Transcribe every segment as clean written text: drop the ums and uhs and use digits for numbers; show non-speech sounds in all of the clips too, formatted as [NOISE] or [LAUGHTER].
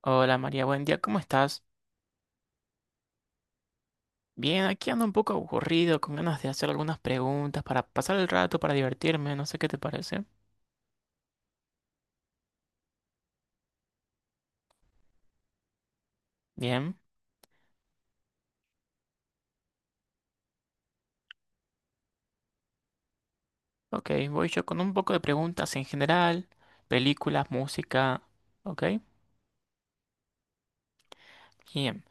Hola María, buen día, ¿cómo estás? Bien, aquí ando un poco aburrido, con ganas de hacer algunas preguntas para pasar el rato, para divertirme, no sé qué te parece. Bien, ok, voy yo con un poco de preguntas en general, películas, música, ok. Bien,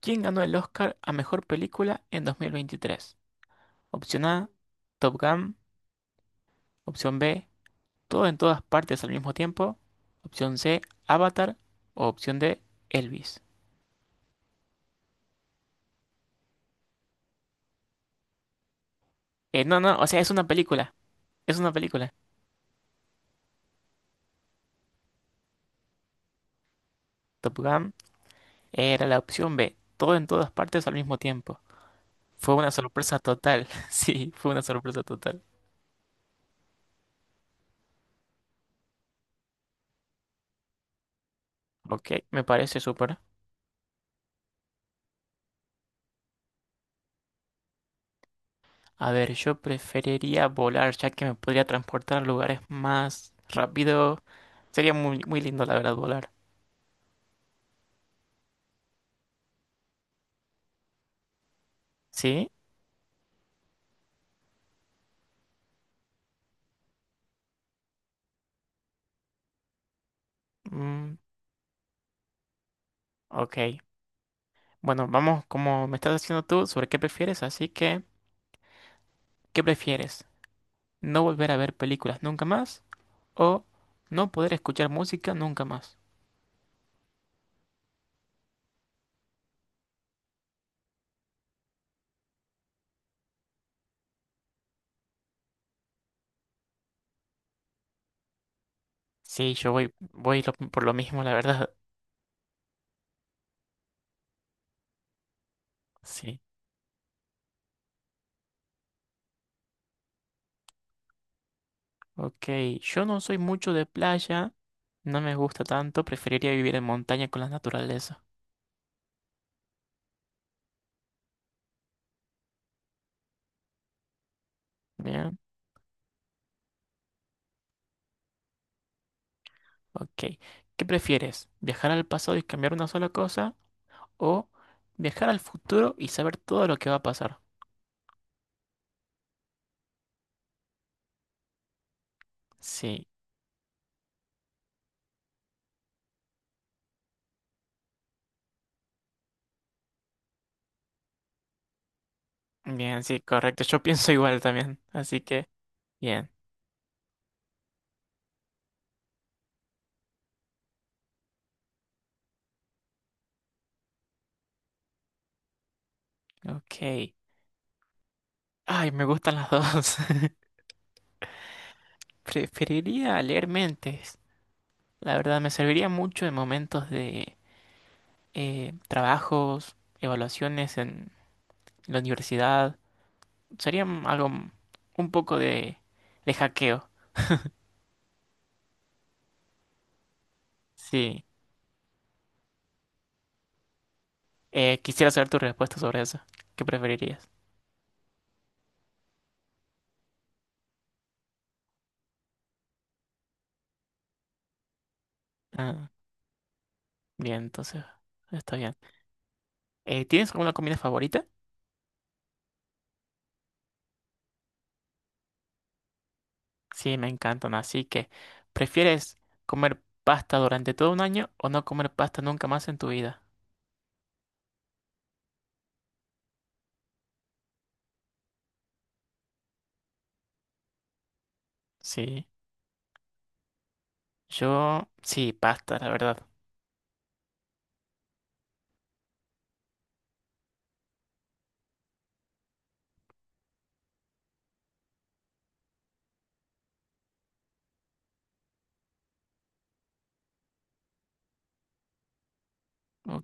¿quién ganó el Oscar a mejor película en 2023? Opción A, Top Gun. Opción B, Todo en todas partes al mismo tiempo. Opción C, Avatar. O opción D, Elvis. No, no, o sea, es una película, es una película. Top Gun. Era la opción B, todo en todas partes al mismo tiempo. Fue una sorpresa total, [LAUGHS] sí, fue una sorpresa total. Ok, me parece súper. A ver, yo preferiría volar ya que me podría transportar a lugares más rápido. Sería muy, muy lindo, la verdad, volar. ¿Sí? Mm, ok. Bueno, vamos, como me estás haciendo tú, sobre qué prefieres, así que, ¿qué prefieres? ¿No volver a ver películas nunca más o no poder escuchar música nunca más? Sí, yo voy, por lo mismo, la verdad. [LAUGHS] Sí. Ok, yo no soy mucho de playa, no me gusta tanto, preferiría vivir en montaña con la naturaleza. Bien, ok. ¿Qué prefieres? ¿Viajar al pasado y cambiar una sola cosa? ¿O viajar al futuro y saber todo lo que va a pasar? Sí, bien, sí, correcto. Yo pienso igual también, así que bien, ok. Ay, me gustan las dos. [LAUGHS] Preferiría leer mentes. La verdad, me serviría mucho en momentos de trabajos, evaluaciones en la universidad sería algo un poco de hackeo. Sí. Quisiera saber tu respuesta sobre eso. ¿Qué preferirías? Ah, bien, entonces está bien. ¿Tienes alguna comida favorita? Sí, me encantan. Así que, ¿prefieres comer pasta durante todo un año o no comer pasta nunca más en tu vida? Sí. Yo, sí, pasta, la verdad.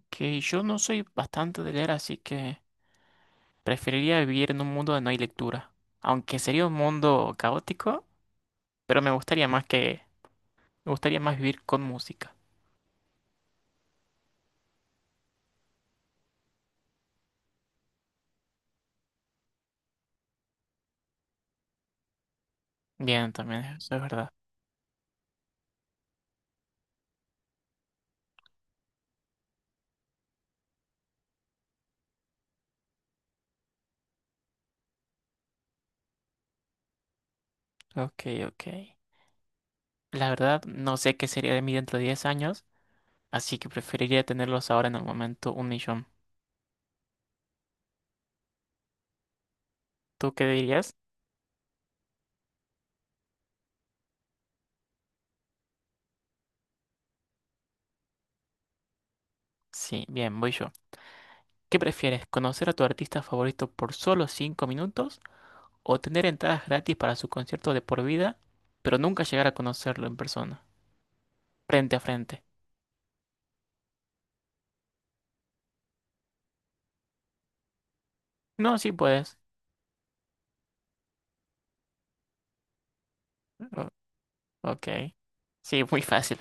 Que yo no soy bastante de leer, así que preferiría vivir en un mundo donde no hay lectura. Aunque sería un mundo caótico, pero me gustaría más vivir con música. Bien, también eso es verdad. Ok, ok. La verdad, no sé qué sería de mí dentro de 10 años, así que preferiría tenerlos ahora en el momento un millón. ¿Tú qué dirías? Sí, bien, voy yo. ¿Qué prefieres? ¿Conocer a tu artista favorito por solo 5 minutos o tener entradas gratis para su concierto de por vida, pero nunca llegar a conocerlo en persona, frente a frente? No, sí puedes. O- ok. Sí, muy fácil.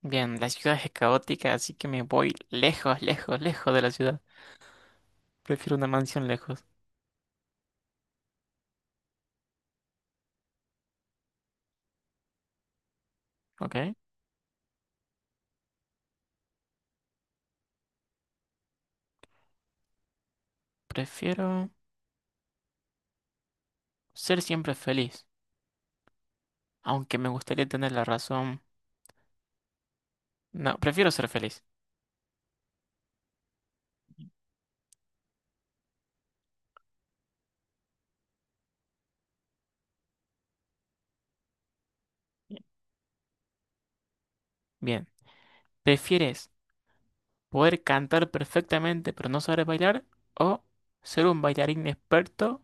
Bien, la ciudad es caótica, así que me voy lejos, lejos, lejos de la ciudad. Prefiero una mansión lejos, ¿ok? Prefiero ser siempre feliz, aunque me gustaría tener la razón. No, prefiero ser feliz. Bien, ¿prefieres poder cantar perfectamente pero no saber bailar o ser un bailarín experto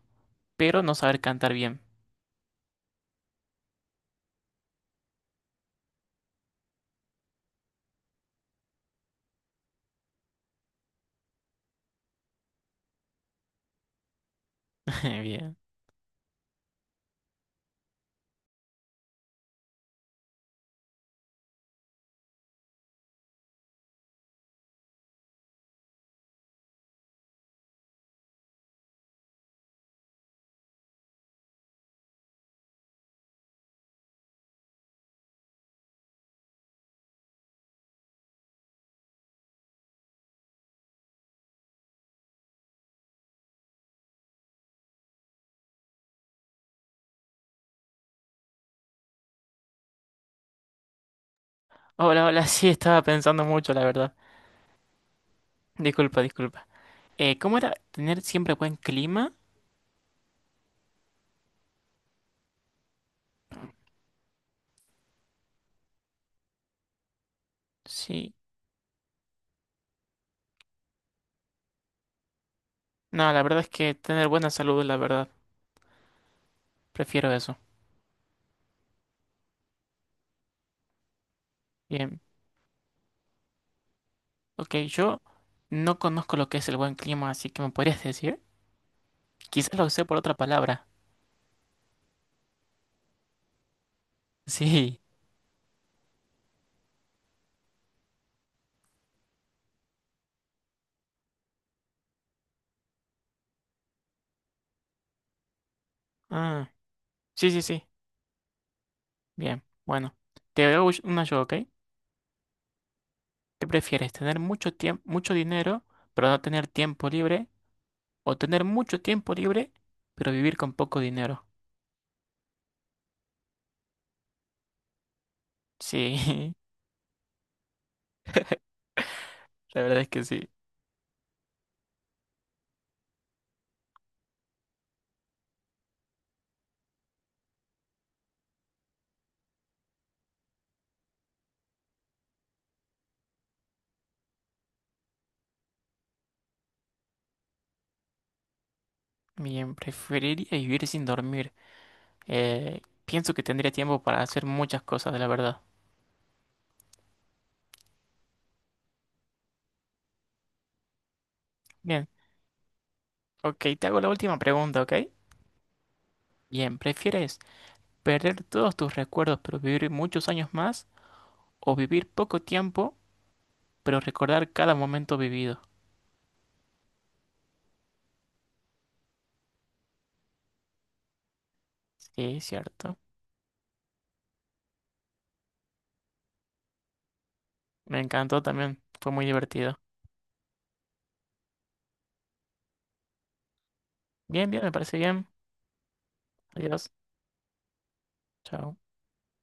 pero no saber cantar bien? [LAUGHS] Bien. Hola, hola, sí, estaba pensando mucho, la verdad. Disculpa, disculpa. ¿Cómo era tener siempre buen clima? Sí. No, la verdad es que tener buena salud, la verdad, prefiero eso. Bien, ok, yo no conozco lo que es el buen clima, así que me podrías decir. Quizás lo sé por otra palabra. [LAUGHS] Sí. Ah, sí, sí, sí. Bien, bueno. Te hago una yo, ¿ok? ¿Qué prefieres? ¿Tener mucho tiempo, mucho dinero, pero no tener tiempo libre? ¿O tener mucho tiempo libre, pero vivir con poco dinero? Sí, [LAUGHS] la verdad es que sí. Bien, preferiría vivir sin dormir. Pienso que tendría tiempo para hacer muchas cosas, la verdad. Bien, ok, te hago la última pregunta, ¿ok? Bien, ¿prefieres perder todos tus recuerdos pero vivir muchos años más o vivir poco tiempo pero recordar cada momento vivido? Sí, cierto. Me encantó también, fue muy divertido. Bien, bien, me parece bien. Adiós. Chao.